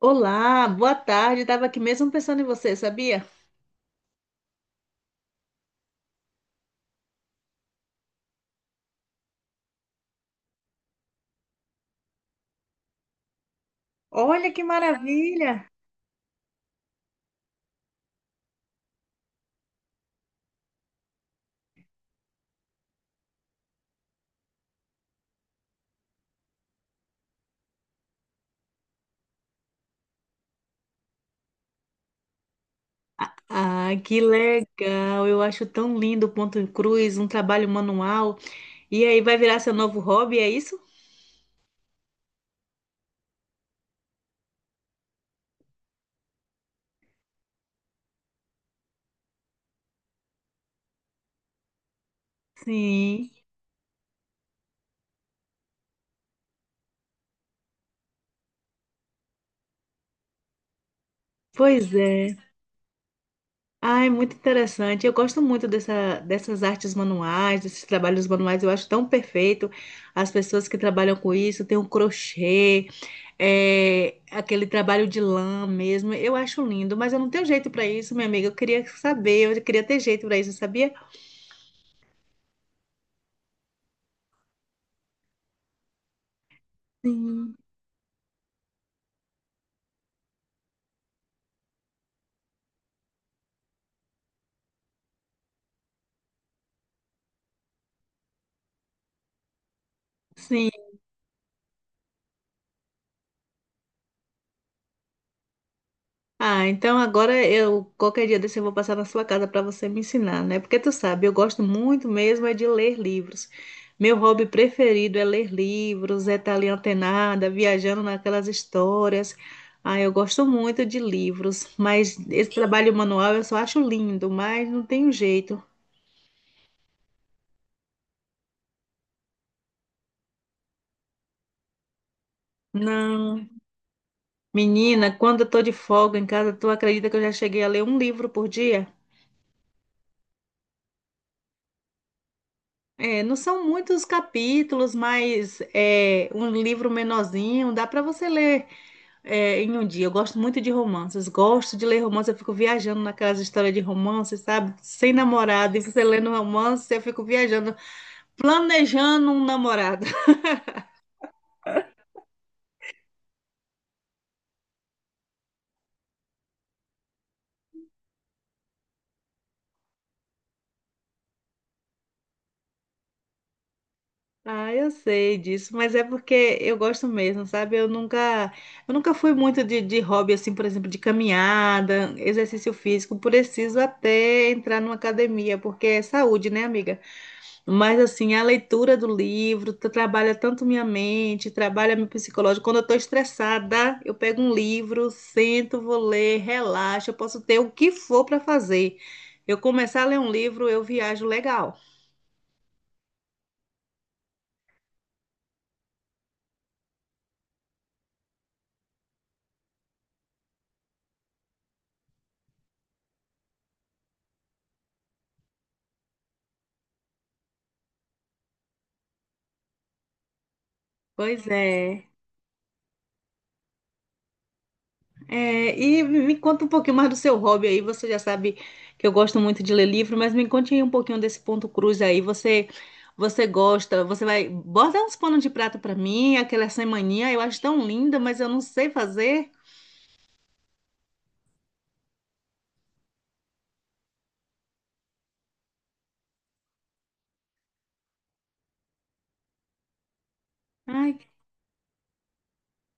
Olá, boa tarde. Estava aqui mesmo pensando em você, sabia? Olha que maravilha! Ah, que legal! Eu acho tão lindo o ponto em cruz, um trabalho manual. E aí vai virar seu novo hobby, é isso? Sim, pois é. Ah, é muito interessante. Eu gosto muito dessas artes manuais, desses trabalhos manuais. Eu acho tão perfeito. As pessoas que trabalham com isso, tem o crochê. É, aquele trabalho de lã mesmo, eu acho lindo, mas eu não tenho jeito pra isso, minha amiga. Eu queria saber, eu queria ter jeito pra isso, sabia? Sim. Sim. Ah, então agora eu qualquer dia desse eu vou passar na sua casa pra você me ensinar, né? Porque tu sabe, eu gosto muito mesmo é de ler livros. Meu hobby preferido é ler livros, é estar ali antenada, viajando naquelas histórias. Ah, eu gosto muito de livros, mas esse trabalho manual eu só acho lindo, mas não tem jeito. Não. Menina, quando eu tô de folga em casa, tu acredita que eu já cheguei a ler um livro por dia? É, não são muitos capítulos, mas é um livro menorzinho, dá para você ler é, em um dia. Eu gosto muito de romances, gosto de ler romances, eu fico viajando naquelas histórias de romances, sabe? Sem namorado, e você lendo romance, eu fico viajando, planejando um namorado. Ah, eu sei disso, mas é porque eu gosto mesmo, sabe? Eu nunca fui muito de hobby, assim, por exemplo, de caminhada, exercício físico. Preciso até entrar numa academia, porque é saúde, né, amiga? Mas, assim, a leitura do livro trabalha tanto minha mente, trabalha meu psicológico. Quando eu tô estressada, eu pego um livro, sento, vou ler, relaxo, eu posso ter o que for para fazer. Eu começar a ler um livro, eu viajo legal. Pois é. É, e me conta um pouquinho mais do seu hobby aí. Você já sabe que eu gosto muito de ler livro, mas me conte aí um pouquinho desse ponto cruz aí. Você gosta? Você vai bota uns panos de prata pra mim, aquela semaninha eu acho tão linda, mas eu não sei fazer. Ai,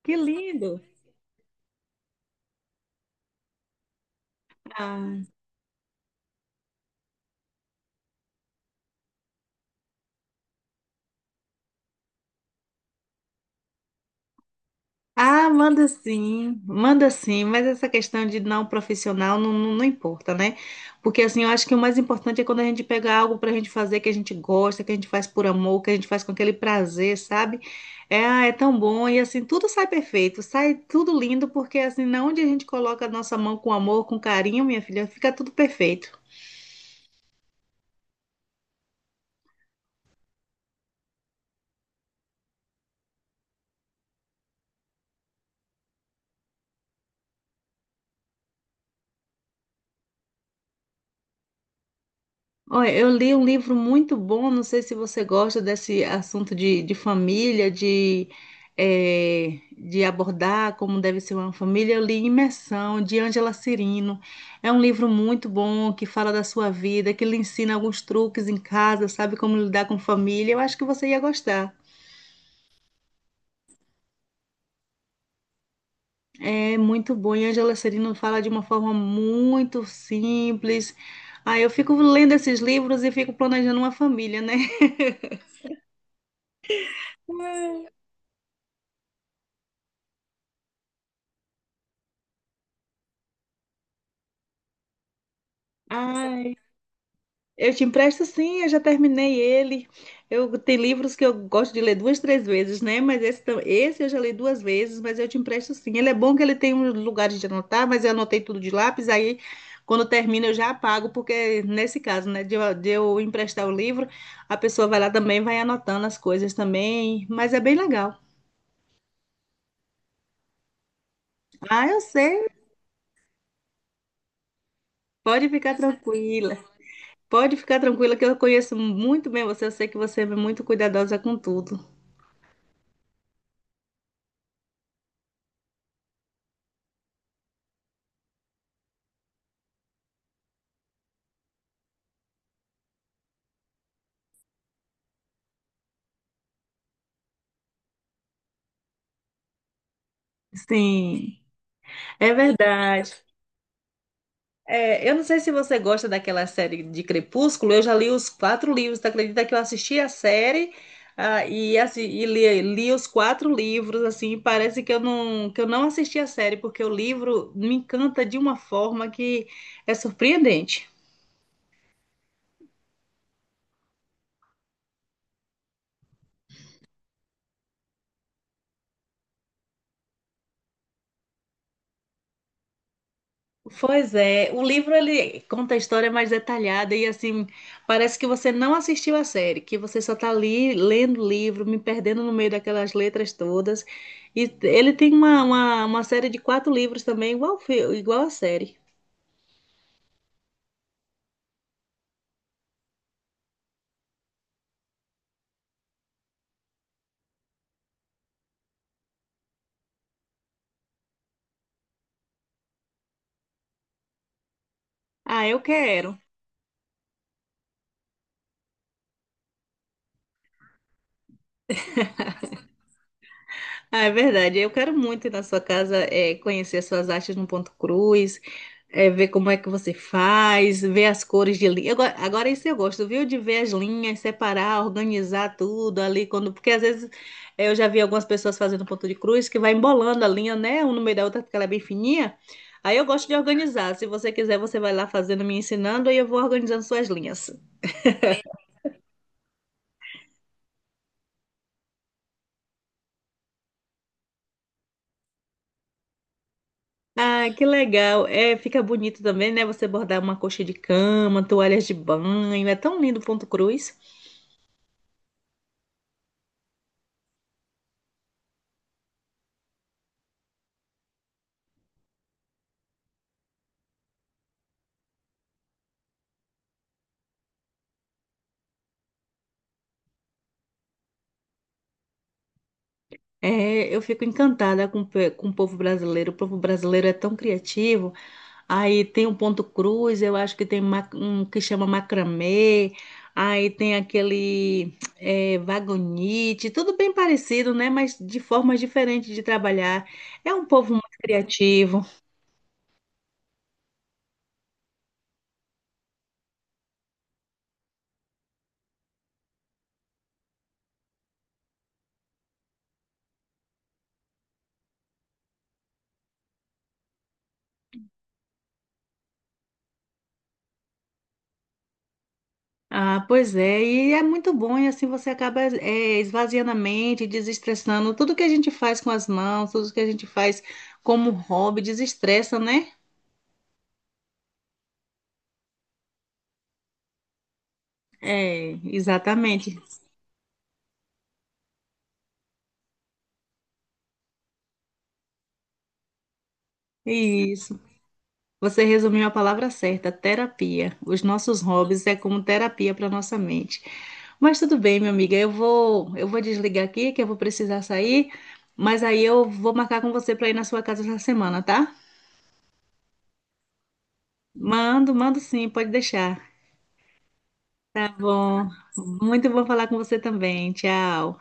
que lindo! Ah. Ah, manda sim, mas essa questão de não profissional não importa, né? Porque assim, eu acho que o mais importante é quando a gente pega algo pra gente fazer que a gente gosta, que a gente faz por amor, que a gente faz com aquele prazer, sabe? É, ah, é tão bom e assim, tudo sai perfeito, sai tudo lindo, porque assim, na onde a gente coloca a nossa mão com amor, com carinho, minha filha, fica tudo perfeito. Olha, eu li um livro muito bom, não sei se você gosta desse assunto de família, de abordar como deve ser uma família. Eu li Imersão, de Ângela Cirino. É um livro muito bom que fala da sua vida, que lhe ensina alguns truques em casa, sabe como lidar com família. Eu acho que você ia gostar. É muito bom. E Ângela Cirino fala de uma forma muito simples. Ah, eu fico lendo esses livros e fico planejando uma família, né? Ah, eu te empresto sim, eu já terminei ele. Eu tem livros que eu gosto de ler duas, três vezes, né? Mas esse, esse eu já li duas vezes, mas eu te empresto sim. Ele é bom que ele tem um lugar de anotar, mas eu anotei tudo de lápis, aí quando termina eu já apago, porque nesse caso, né, de eu emprestar o livro, a pessoa vai lá também, vai anotando as coisas também, mas é bem legal. Ah, eu sei. Pode ficar tranquila. Pode ficar tranquila que eu conheço muito bem você, eu sei que você é muito cuidadosa com tudo. Sim. É verdade. É, eu não sei se você gosta daquela série de Crepúsculo, eu já li os quatro livros, tu acredita que eu assisti a série, ah, e, assim, e li, li os quatro livros, assim, parece que eu não assisti a série, porque o livro me encanta de uma forma que é surpreendente. Pois é, o livro ele conta a história mais detalhada e assim, parece que você não assistiu a série, que você só tá ali lendo o livro, me perdendo no meio daquelas letras todas. E ele tem uma série de quatro livros também, igual, igual a série. Ah, eu quero. Ah, é verdade. Eu quero muito ir na sua casa, é, conhecer as suas artes no ponto cruz, é, ver como é que você faz, ver as cores de linha. Agora isso eu gosto, viu? De ver as linhas, separar, organizar tudo ali quando, porque às vezes é, eu já vi algumas pessoas fazendo ponto de cruz que vai embolando a linha, né? Um no meio da outra porque ela é bem fininha. Aí eu gosto de organizar. Se você quiser, você vai lá fazendo, me ensinando, aí eu vou organizando suas linhas. Ah, que legal. É, fica bonito também, né? Você bordar uma coxa de cama, toalhas de banho. É tão lindo o Ponto Cruz. É, eu fico encantada com, com o povo brasileiro. O povo brasileiro é tão criativo. Aí tem o Ponto Cruz, eu acho que tem um que chama macramê. Aí tem aquele é, vagonite. Tudo bem parecido, né? Mas de formas diferentes de trabalhar. É um povo muito criativo. Ah, pois é, e é muito bom, e assim você acaba eh, esvaziando a mente, desestressando. Tudo que a gente faz com as mãos, tudo que a gente faz como hobby, desestressa, né? É, exatamente. Isso. Você resumiu a palavra certa, terapia. Os nossos hobbies é como terapia para nossa mente. Mas tudo bem, minha amiga, eu vou desligar aqui, que eu vou precisar sair, mas aí eu vou marcar com você para ir na sua casa essa semana, tá? Mando, mando sim, pode deixar. Tá bom. Muito bom falar com você também. Tchau.